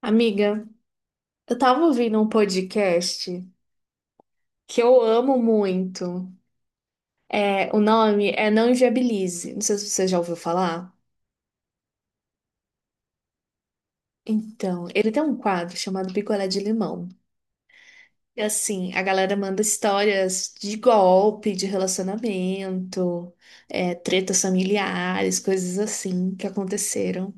Amiga, eu tava ouvindo um podcast que eu amo muito. O nome é Não Inviabilize. Não sei se você já ouviu falar. Então, ele tem um quadro chamado Picolé de Limão. E assim, a galera manda histórias de golpe, de relacionamento, tretas familiares, coisas assim que aconteceram.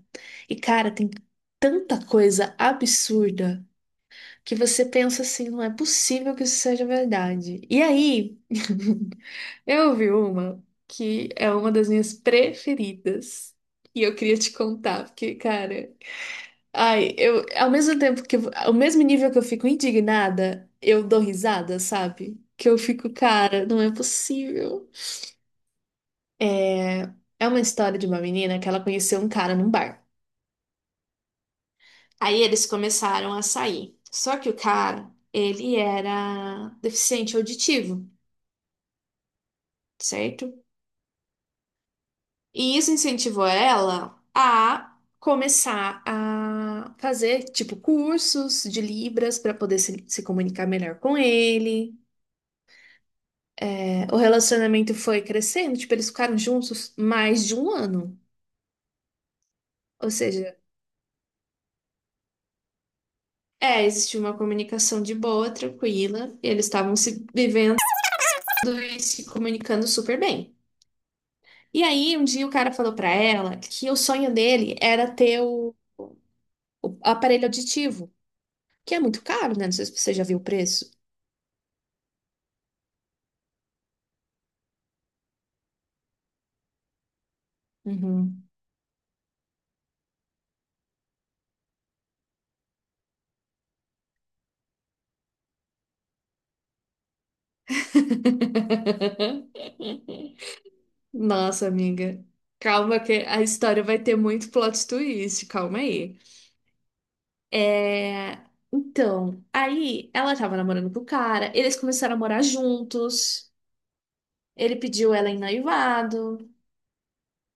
E, cara, tem tanta coisa absurda que você pensa assim, não é possível que isso seja verdade. E aí. Eu vi uma que é uma das minhas preferidas e eu queria te contar, porque, cara, ai, eu, ao mesmo tempo que, ao mesmo nível que eu fico indignada, eu dou risada, sabe? Que eu fico, cara, não é possível. É, é uma história de uma menina que ela conheceu um cara num bar. Aí eles começaram a sair. Só que o cara, ele era deficiente auditivo, certo? E isso incentivou ela a começar a fazer, tipo, cursos de Libras para poder se comunicar melhor com ele. É, o relacionamento foi crescendo, tipo, eles ficaram juntos mais de um ano. Ou seja, existiu uma comunicação de boa, tranquila, e eles estavam se vivendo e se comunicando super bem. E aí, um dia o cara falou para ela que o sonho dele era ter o aparelho auditivo, que é muito caro, né? Não sei se você já viu o preço. Uhum. Nossa, amiga. Calma que a história vai ter muito plot twist, calma aí. É... Então, aí ela tava namorando com o cara, eles começaram a morar juntos, ele pediu ela em noivado,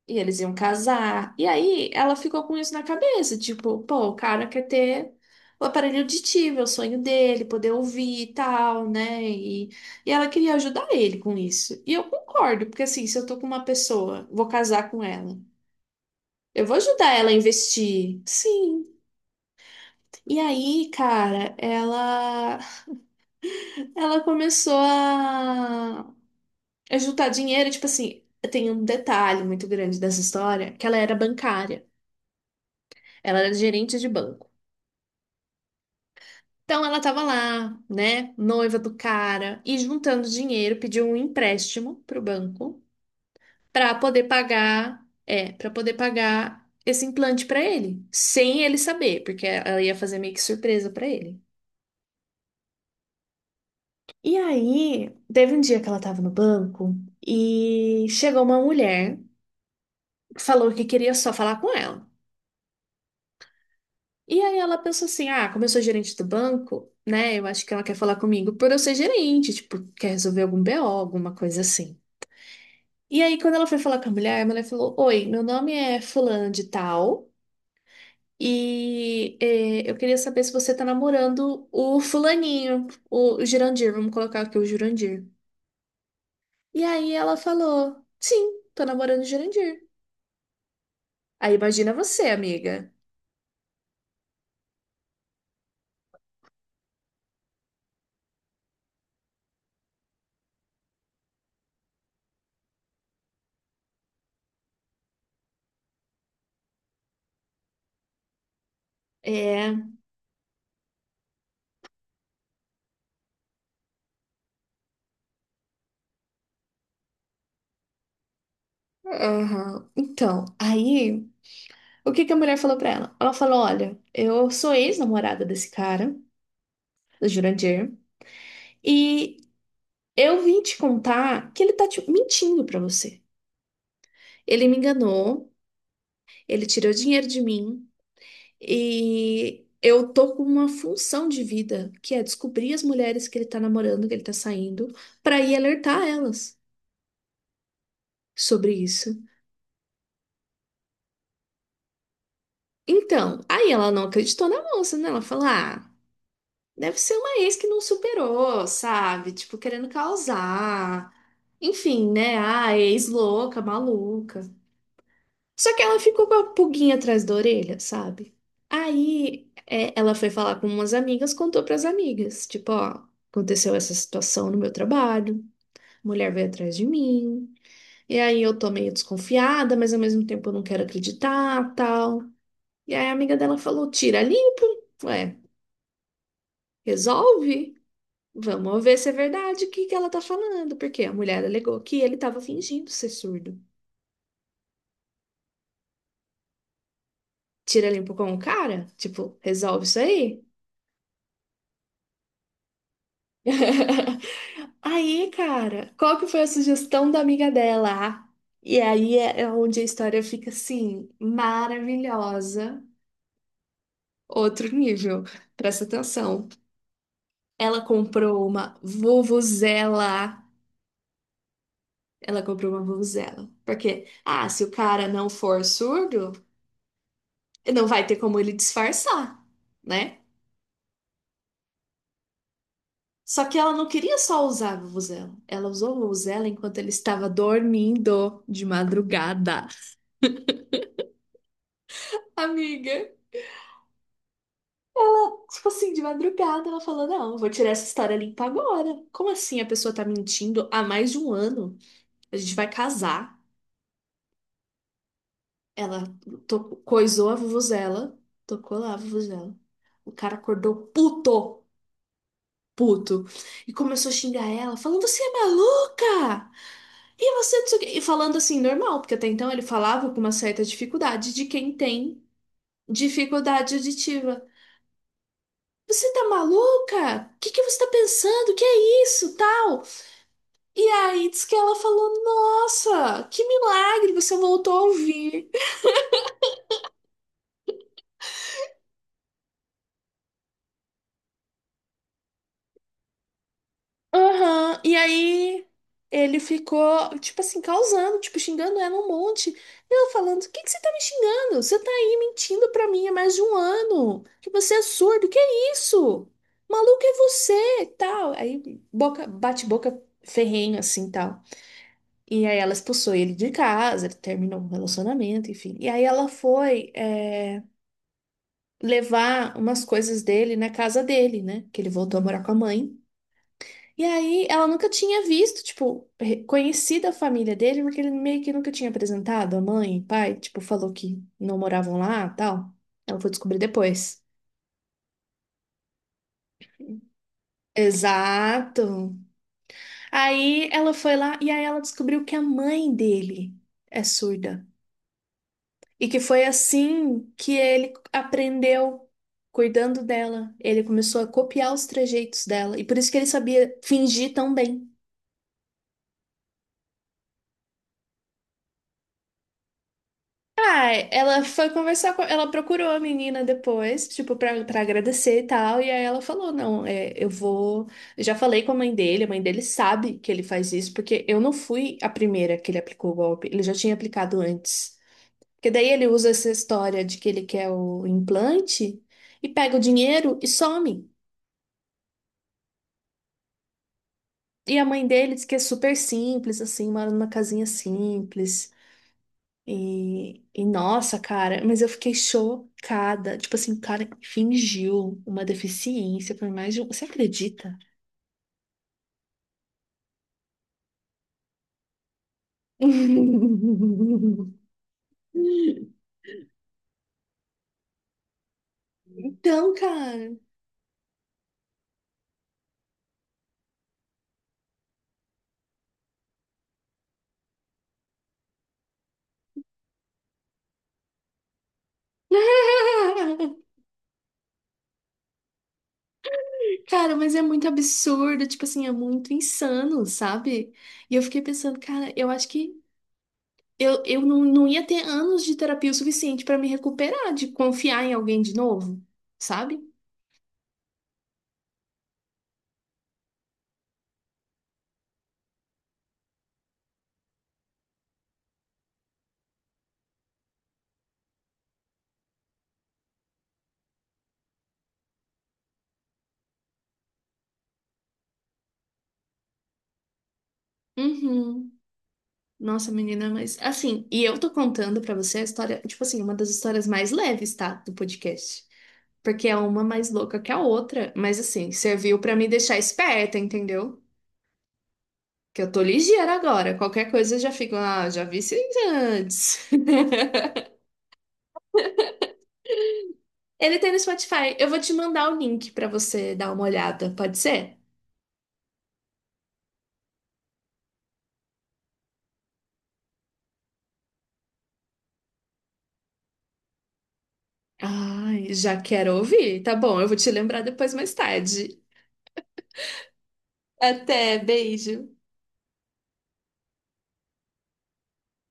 e eles iam casar. E aí ela ficou com isso na cabeça, tipo, pô, o cara quer ter o aparelho auditivo, é o sonho dele, poder ouvir e tal, né? E ela queria ajudar ele com isso. E eu concordo, porque assim, se eu tô com uma pessoa, vou casar com ela. Eu vou ajudar ela a investir. Sim. E aí, cara, ela começou a juntar dinheiro, tipo assim, tem um detalhe muito grande dessa história, que ela era bancária. Ela era gerente de banco. Então ela tava lá, né, noiva do cara, e juntando dinheiro, pediu um empréstimo pro banco pra poder pagar, para poder pagar esse implante pra ele, sem ele saber, porque ela ia fazer meio que surpresa pra ele. E aí, teve um dia que ela tava no banco e chegou uma mulher, falou que queria só falar com ela. E aí ela pensou assim: "Ah, como eu sou gerente do banco, né, eu acho que ela quer falar comigo por eu ser gerente, tipo, quer resolver algum BO, alguma coisa assim". E aí, quando ela foi falar com a mulher falou: Oi, meu nome é fulano de tal e eu queria saber se você tá namorando o fulaninho, o Jurandir, vamos colocar aqui o Jurandir. E aí ela falou: Sim, tô namorando o Jurandir. Aí imagina você, amiga. É, aham. Então, aí, o que que a mulher falou pra ela? Ela falou: Olha, eu sou ex-namorada desse cara, do Jurandir, e eu vim te contar que ele tá te mentindo pra você. Ele me enganou, ele tirou dinheiro de mim e eu tô com uma função de vida, que é descobrir as mulheres que ele tá namorando, que ele tá saindo, pra ir alertar elas sobre isso. Então, aí ela não acreditou na moça, né? Ela falou: "Ah, deve ser uma ex que não superou, sabe? Tipo, querendo causar. Enfim, né? Ah, ex louca, maluca. Só que ela ficou com a pulguinha atrás da orelha, sabe? Aí ela foi falar com umas amigas, contou pras amigas, tipo, ó, aconteceu essa situação no meu trabalho, a mulher veio atrás de mim, e aí eu tô meio desconfiada, mas ao mesmo tempo eu não quero acreditar, tal. E aí a amiga dela falou, tira limpo, ué, resolve. Vamos ver se é verdade o que que ela tá falando, porque a mulher alegou que ele tava fingindo ser surdo. Tira limpo com o cara, tipo, resolve isso aí. Aí, cara, qual que foi a sugestão da amiga dela? Ah, e aí é onde a história fica assim, maravilhosa, outro nível. Presta atenção. Ela comprou uma vuvuzela. Ela comprou uma vuvuzela. Porque, ah, se o cara não for surdo, não vai ter como ele disfarçar, né? Só que ela não queria só usar a vuvuzela. Ela usou a vuvuzela enquanto ele estava dormindo de madrugada. Amiga. Tipo assim, de madrugada, ela falou: Não, vou tirar essa história limpa agora. Como assim a pessoa tá mentindo há mais de um ano? A gente vai casar. Ela coisou a vuvuzela, tocou lá a vuvuzela. O cara acordou puto, puto, e começou a xingar ela, falando: Você é maluca! E você não sei o quê. E falando assim, normal, porque até então ele falava com uma certa dificuldade de quem tem dificuldade auditiva. Você tá maluca? O que que você tá pensando? Que é isso? Tal. E aí diz que ela falou: Nossa, que milagre, você voltou a ouvir. Aham. E aí ele ficou, tipo assim, causando, tipo, xingando ela um monte. E ela falando: O que que você tá me xingando? Você tá aí mentindo pra mim há mais de um ano. Que você é surdo, que é isso? Maluco é você, tal. Aí boca, bate boca ferrenho, assim, tal. E aí ela expulsou ele de casa, ele terminou o relacionamento, enfim. E aí ela foi. Levar umas coisas dele na casa dele, né? Que ele voltou a morar com a mãe. E aí ela nunca tinha visto, tipo, conhecido a família dele, porque ele meio que nunca tinha apresentado a mãe, o pai, tipo, falou que não moravam lá, tal. Ela foi descobrir depois. Exato. Aí ela foi lá e aí ela descobriu que a mãe dele é surda. E que foi assim que ele aprendeu cuidando dela. Ele começou a copiar os trejeitos dela. E por isso que ele sabia fingir tão bem. Ah, ela foi conversar com. Ela procurou a menina depois, tipo, pra agradecer e tal. E aí ela falou: Não, eu vou. Eu já falei com a mãe dele sabe que ele faz isso, porque eu não fui a primeira que ele aplicou o golpe. Ele já tinha aplicado antes. Porque daí ele usa essa história de que ele quer o implante e pega o dinheiro e some. E a mãe dele diz que é super simples, assim, mora numa casinha simples. E nossa, cara, mas eu fiquei chocada. Tipo assim, o cara fingiu uma deficiência por mais de um. Você acredita? Então, cara. Cara, mas é muito absurdo, tipo assim, é muito insano, sabe? E eu fiquei pensando, cara, eu acho que eu não, não ia ter anos de terapia o suficiente pra me recuperar de confiar em alguém de novo, sabe? Uhum. Nossa, menina, mas assim, e eu tô contando pra você a história, tipo assim, uma das histórias mais leves, tá, do podcast. Porque é uma mais louca que a outra, mas assim, serviu pra me deixar esperta, entendeu? Que eu tô ligeira agora, qualquer coisa eu já fico, ah, já vi isso antes. Ele tem no Spotify, eu vou te mandar o link pra você dar uma olhada, pode ser? Ai, já quero ouvir. Tá bom, eu vou te lembrar depois mais tarde. Até, beijo.